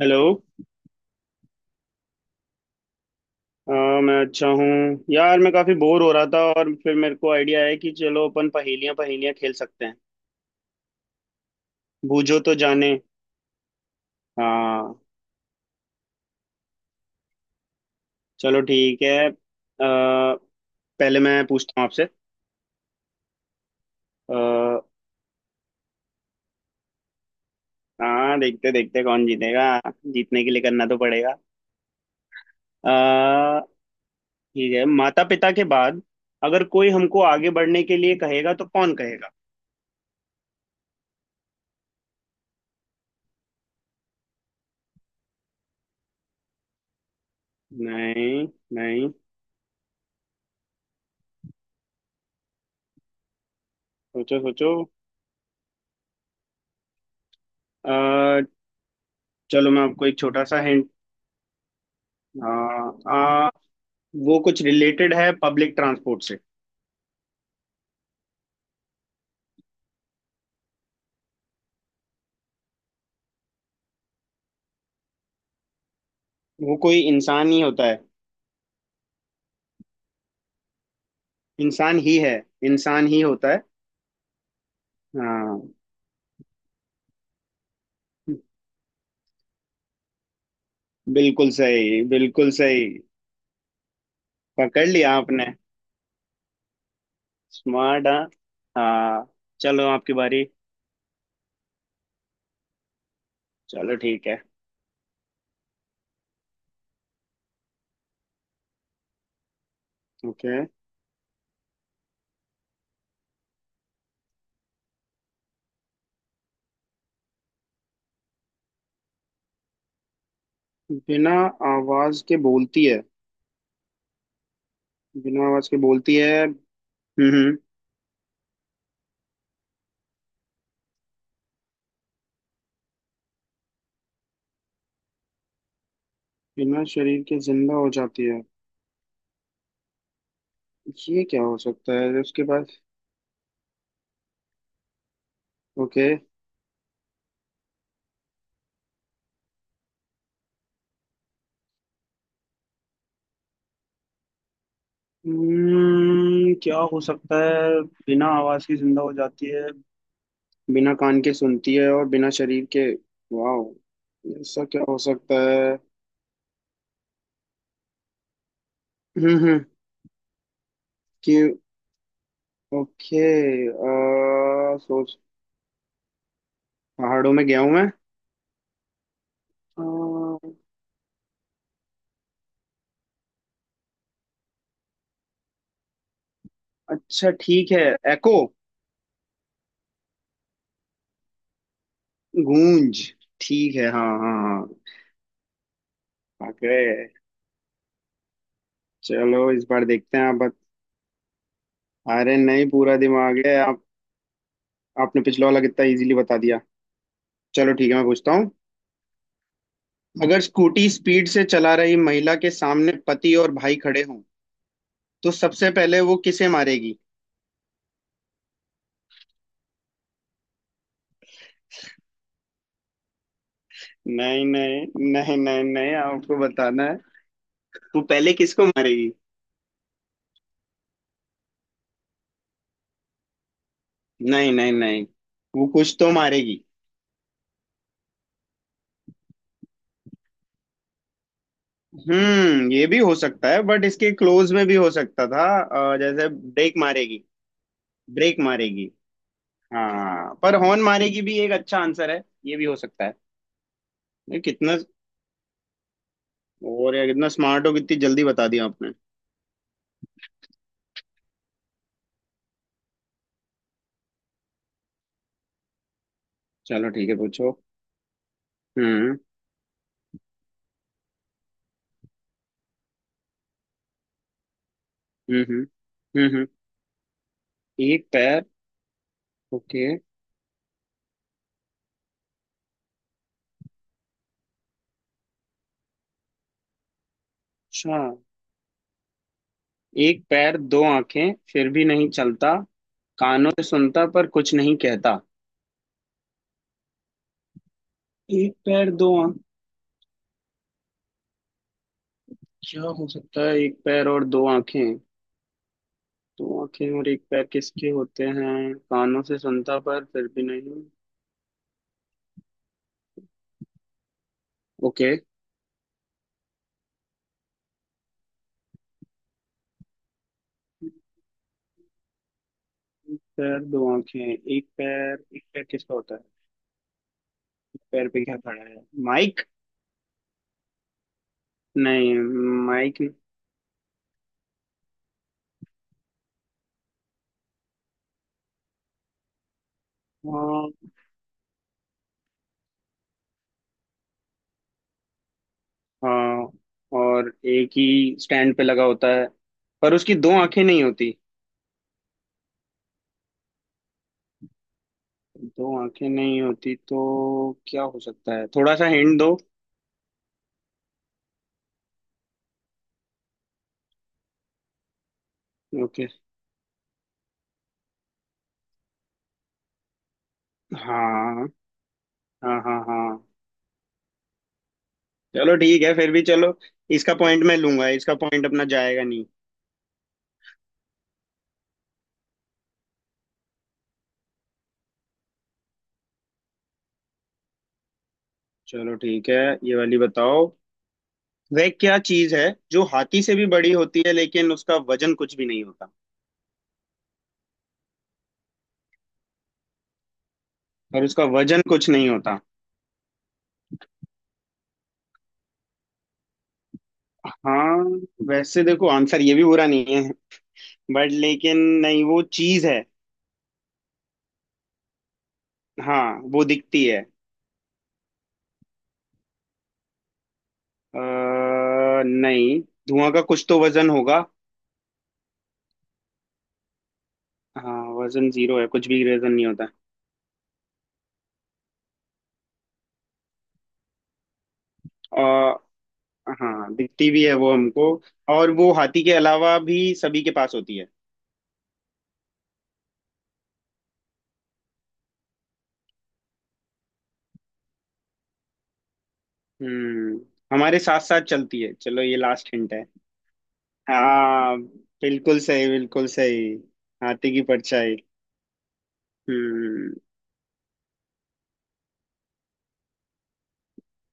Hello. अ, मैं अच्छा हूँ। यार मैं काफी बोर हो रहा था और फिर मेरे को आइडिया है कि चलो अपन पहेलियां पहेलियां खेल सकते हैं। बूझो तो जाने। हाँ। चलो ठीक है। पहले मैं पूछता हूँ आपसे। अ, हाँ, देखते देखते कौन जीतेगा। जीतने के लिए करना तो पड़ेगा। अ, ठीक है, माता पिता के बाद अगर कोई हमको आगे बढ़ने के लिए कहेगा तो कौन कहेगा। नहीं। नहीं। सोचो सोचो। अ, चलो मैं आपको एक छोटा सा हिंट। हाँ। वो कुछ रिलेटेड है पब्लिक ट्रांसपोर्ट से। वो कोई इंसान ही होता है। इंसान ही है। इंसान ही होता है। हाँ। बिल्कुल सही, बिल्कुल सही। पकड़ लिया आपने। स्मार्ट। हाँ। हाँ। चलो, आपकी बारी। चलो ठीक है। ओके। बिना आवाज के बोलती है। बिना आवाज के बोलती है। हम्म। बिना शरीर के जिंदा हो जाती है। ये क्या हो सकता है उसके पास। ओके। क्या हो सकता है। बिना आवाज की जिंदा हो जाती है। बिना कान के सुनती है और बिना शरीर के। वाह, ऐसा क्या हो सकता है। हम्म। कि ओके। सोच। पहाड़ों में गया हूं मैं। अ, अच्छा ठीक है। एको। गूंज। ठीक है। हाँ हाँ हाँ। पकड़े। चलो, इस बार देखते हैं आप अरे नहीं, पूरा दिमाग है आप। आपने पिछला वाला कितना इजीली बता दिया। चलो ठीक है, मैं पूछता हूँ। अगर स्कूटी स्पीड से चला रही महिला के सामने पति और भाई खड़े हों तो सबसे पहले वो किसे मारेगी। नहीं नहीं। नहीं नहीं नहीं, आपको बताना है। वो पहले किसको मारेगी। नहीं नहीं नहीं। वो कुछ तो मारेगी। हम्म, ये भी हो सकता है बट इसके क्लोज में भी हो सकता था। जैसे ब्रेक मारेगी। ब्रेक मारेगी। हाँ, पर हॉर्न मारेगी भी एक अच्छा आंसर है, ये भी हो सकता है। ये कितना और यार कितना स्मार्ट हो, कितनी जल्दी बता दिया आपने। चलो ठीक है, पूछो। हम्म हम्म। हम्म। हम्म। एक पैर। ओके। अच्छा, एक पैर दो आंखें फिर भी नहीं चलता। कानों से सुनता पर कुछ नहीं कहता। एक पैर दो आंख। क्या हो सकता है, एक पैर और दो आंखें। दो आंखें और एक पैर किसके होते हैं, कानों से सुनता पर फिर भी नहीं। ओके। एक पैर दो आंखें, एक पैर, एक पैर किसका होता है। एक पैर पे क्या खड़ा है। माइक। नहीं। माइक। हाँ, हाँ और एक ही स्टैंड पे लगा होता है। पर उसकी दो आंखें नहीं होती। दो आंखें नहीं होती तो क्या हो सकता है, थोड़ा सा हिंट दो। ओके। हाँ हाँ हाँ हाँ। चलो ठीक है, फिर भी चलो। इसका पॉइंट मैं लूंगा, इसका पॉइंट अपना जाएगा नहीं। चलो ठीक है, ये वाली बताओ। वह क्या चीज है जो हाथी से भी बड़ी होती है लेकिन उसका वजन कुछ भी नहीं होता। और उसका वजन कुछ नहीं होता। हाँ। वैसे देखो, आंसर ये भी बुरा नहीं बट लेकिन नहीं, वो चीज है। हाँ, वो दिखती है। अ, नहीं। धुआं का कुछ तो वजन होगा। हाँ, वजन जीरो है, कुछ भी वजन नहीं होता। अ, हाँ दिखती भी है वो हमको। और वो हाथी के अलावा भी सभी के पास होती है। हम्म। हमारे साथ साथ चलती है, चलो ये लास्ट हिंट है। हाँ। बिल्कुल सही, बिल्कुल सही। हाथी की परछाई। हम्म।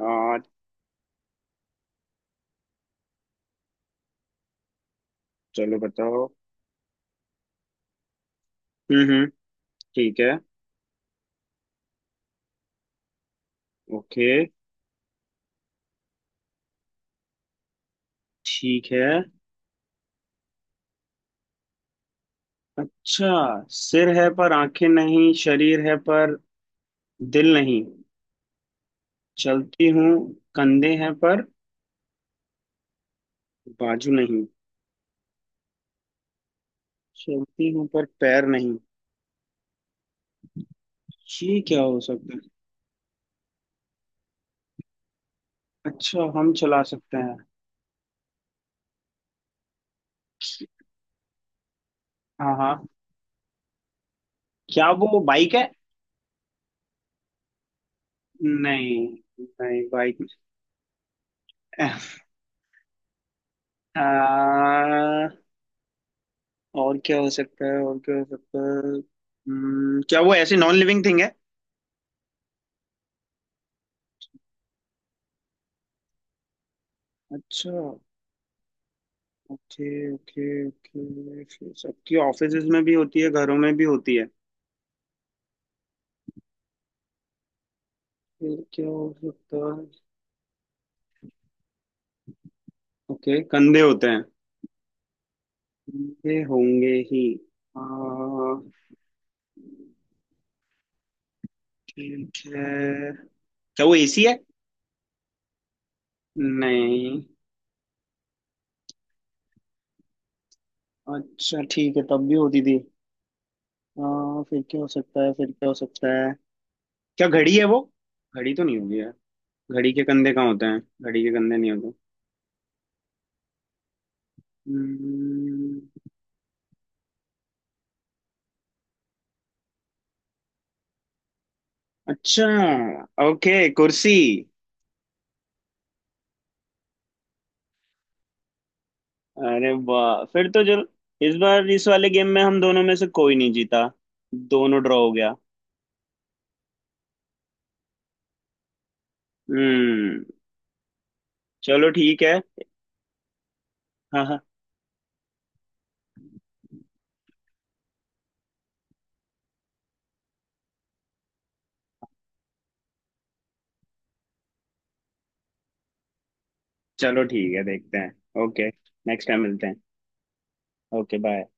और चलो बताओ। हम्म। ठीक है। ओके। ठीक है। अच्छा, सिर है पर आंखें नहीं, शरीर है पर दिल नहीं। चलती हूँ, कंधे हैं पर बाजू नहीं। चलती हूँ पर पैर नहीं। ये क्या हो सकता है। अच्छा, हम चला सकते हैं। हाँ हाँ। क्या वो बाइक है। नहीं। नहीं बाइक। आ, और क्या हो सकता है, और क्या हो सकता है। क्या वो ऐसी नॉन लिविंग थिंग है। अच्छा। ओके। ओके ओके, फिर सबकी ऑफिसेज में भी होती है, घरों में भी होती है। फिर क्या हो सकता है। ओके, कंधे होते हैं। कंधे होंगे ही। आ, ठीक है। क्या वो एसी है। नहीं। अच्छा ठीक है, तब भी होती थी। फिर क्या हो सकता है, फिर क्या हो सकता है। क्या घड़ी है वो। घड़ी तो नहीं होगी यार। घड़ी के कंधे कहाँ होते हैं, घड़ी के कंधे नहीं होते। हम्म, अच्छा। ओके, कुर्सी। अरे वाह, फिर तो जो इस बार इस वाले गेम में हम दोनों में से कोई नहीं जीता। दोनों ड्रॉ हो गया। हम्म। चलो ठीक है। हाँ हाँ। चलो ठीक है, देखते हैं। ओके, नेक्स्ट टाइम मिलते हैं। Okay bye.